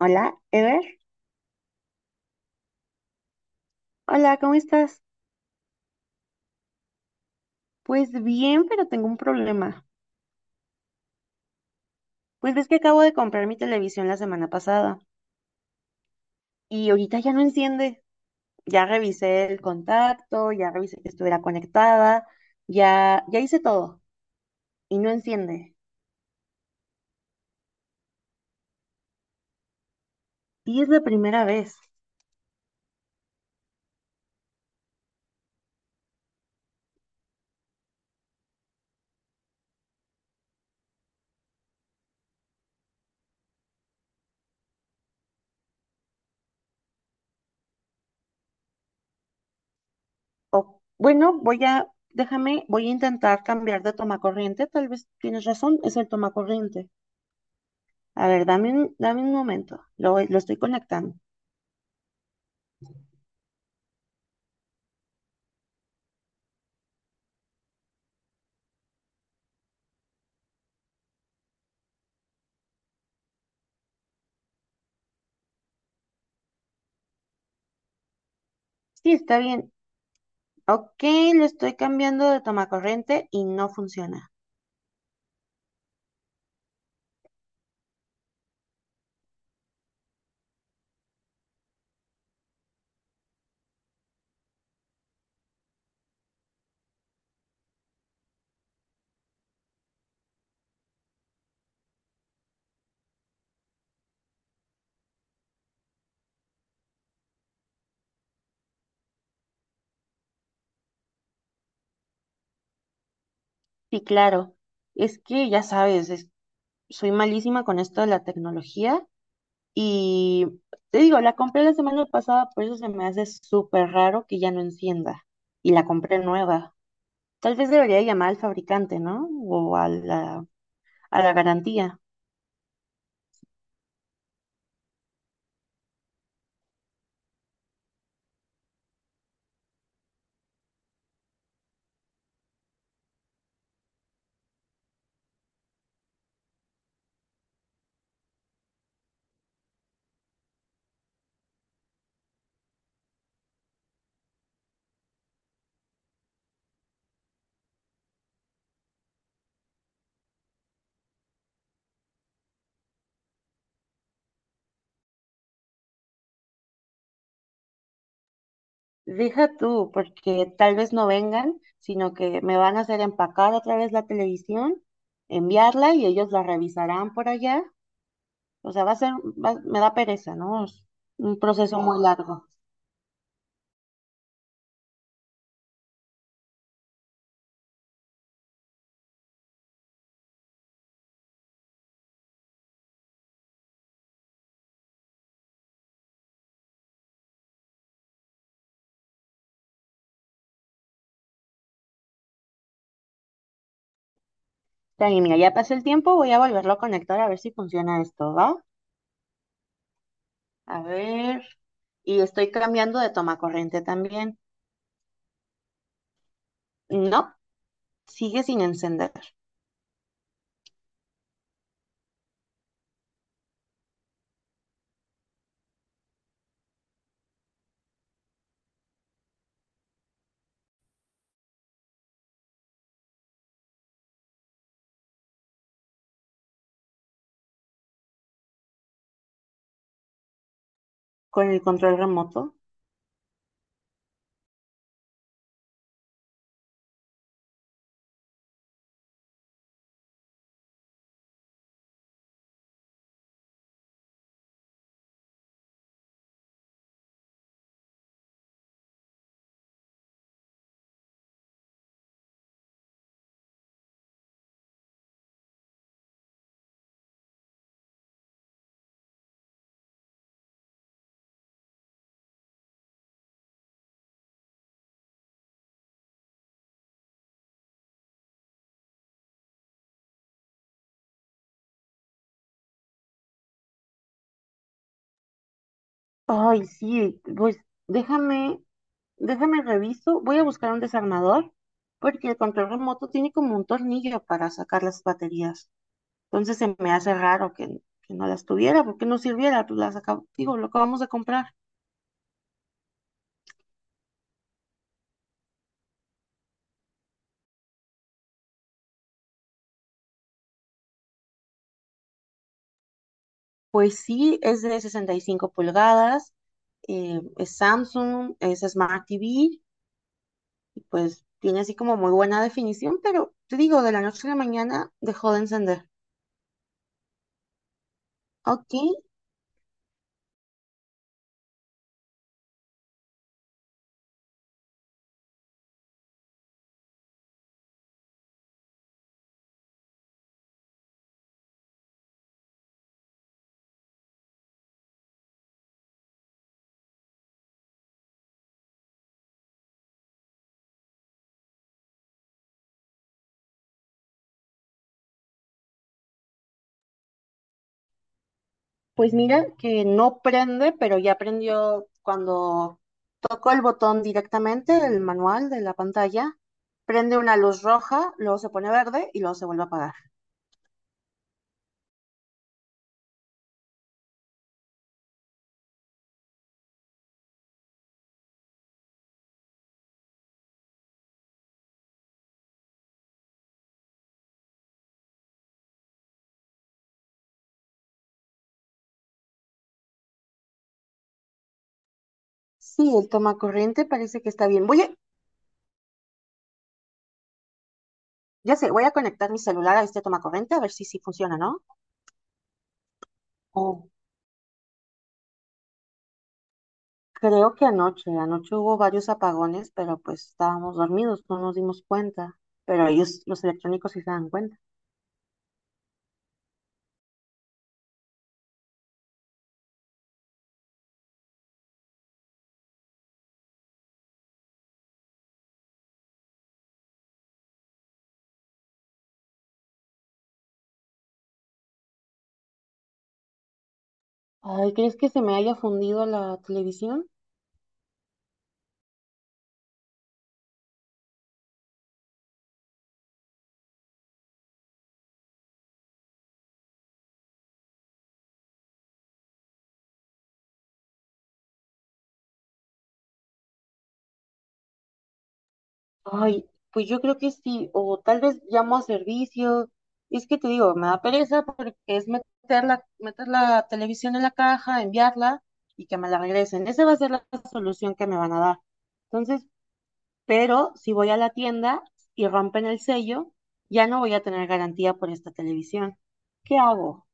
Hola, Ever. Hola, ¿cómo estás? Pues bien, pero tengo un problema. Pues ves que acabo de comprar mi televisión la semana pasada y ahorita ya no enciende. Ya revisé el contacto, ya revisé que estuviera conectada, ya hice todo y no enciende. Y es la primera vez. O, bueno, voy a, déjame, voy a intentar cambiar de tomacorriente. Tal vez tienes razón, es el tomacorriente. A ver, dame un momento. Lo estoy conectando. Sí, está bien. Ok, le estoy cambiando de tomacorriente y no funciona. Sí, claro. Es que ya sabes, soy malísima con esto de la tecnología y te digo, la compré la semana pasada, por eso se me hace súper raro que ya no encienda. Y la compré nueva. Tal vez debería llamar al fabricante, ¿no? O a a la garantía. Deja tú, porque tal vez no vengan, sino que me van a hacer empacar otra vez la televisión, enviarla y ellos la revisarán por allá. O sea, va a ser, va- me da pereza, ¿no? Es un proceso muy, claro, largo. Está bien, mira, ya pasé el tiempo, voy a volverlo a conectar a ver si funciona esto, ¿va? A ver. Y estoy cambiando de toma corriente también. No, sigue sin encender. Con el control remoto. Ay, sí, pues déjame, déjame reviso. Voy a buscar un desarmador porque el control remoto tiene como un tornillo para sacar las baterías. Entonces se me hace raro que no las tuviera, porque no sirviera, pues las acabo, digo, lo acabamos de comprar. Pues sí, es de 65 pulgadas, es Samsung, es Smart TV, y pues tiene así como muy buena definición, pero te digo, de la noche a la mañana dejó de encender. Ok, pues mira que no prende, pero ya prendió cuando toco el botón directamente, el manual de la pantalla, prende una luz roja, luego se pone verde y luego se vuelve a apagar. Sí, el toma corriente parece que está bien. Voy a, ya sé, voy a conectar mi celular a este toma corriente a ver si sí funciona, ¿no? Creo que anoche, anoche hubo varios apagones, pero pues estábamos dormidos, no nos dimos cuenta. Pero ellos, los electrónicos, sí se dan cuenta. Ay, ¿crees que se me haya fundido la televisión? Ay, pues yo creo que sí, o tal vez llamo a servicio. Es que te digo, me da pereza porque es meter meter la televisión en la caja, enviarla y que me la regresen. Esa va a ser la solución que me van a dar. Entonces, pero si voy a la tienda y rompen el sello, ya no voy a tener garantía por esta televisión. ¿Qué hago?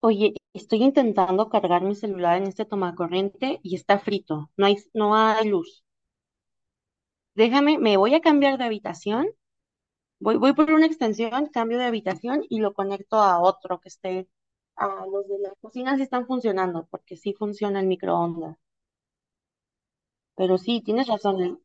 Oye, estoy intentando cargar mi celular en este tomacorriente y está frito. No hay luz. Déjame, me voy a cambiar de habitación. Voy por una extensión, cambio de habitación y lo conecto a otro que esté. A los de la cocina sí están funcionando, porque sí funciona el microondas. Pero sí, tienes razón.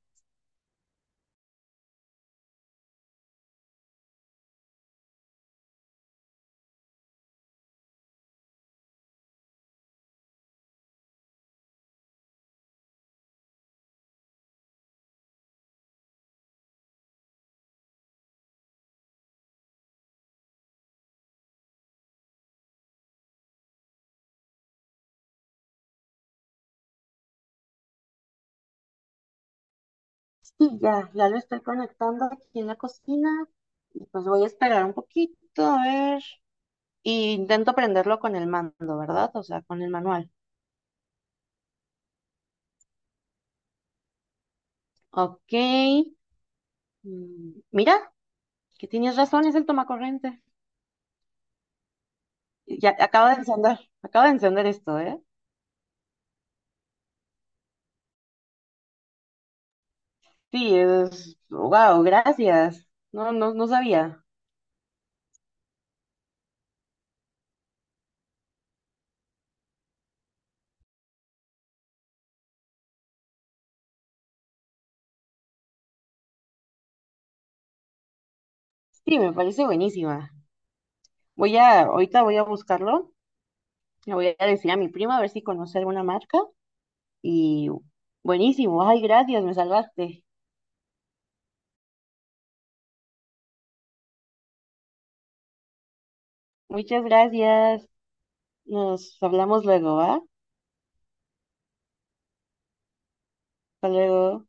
Ya lo estoy conectando aquí en la cocina. Y pues voy a esperar un poquito, a ver. Y intento prenderlo con el mando, ¿verdad? O sea, con el manual. Ok. Mm, mira, que tienes razón, es el tomacorriente. Y ya, acabo de encender esto, ¿eh? Sí, es... Wow, gracias. No sabía. Sí, me parece buenísima. Voy a, ahorita voy a buscarlo. Le voy a decir a mi prima a ver si conoce alguna marca. Y buenísimo, ay, gracias, me salvaste. Muchas gracias. Nos hablamos luego, ¿va? Hasta luego.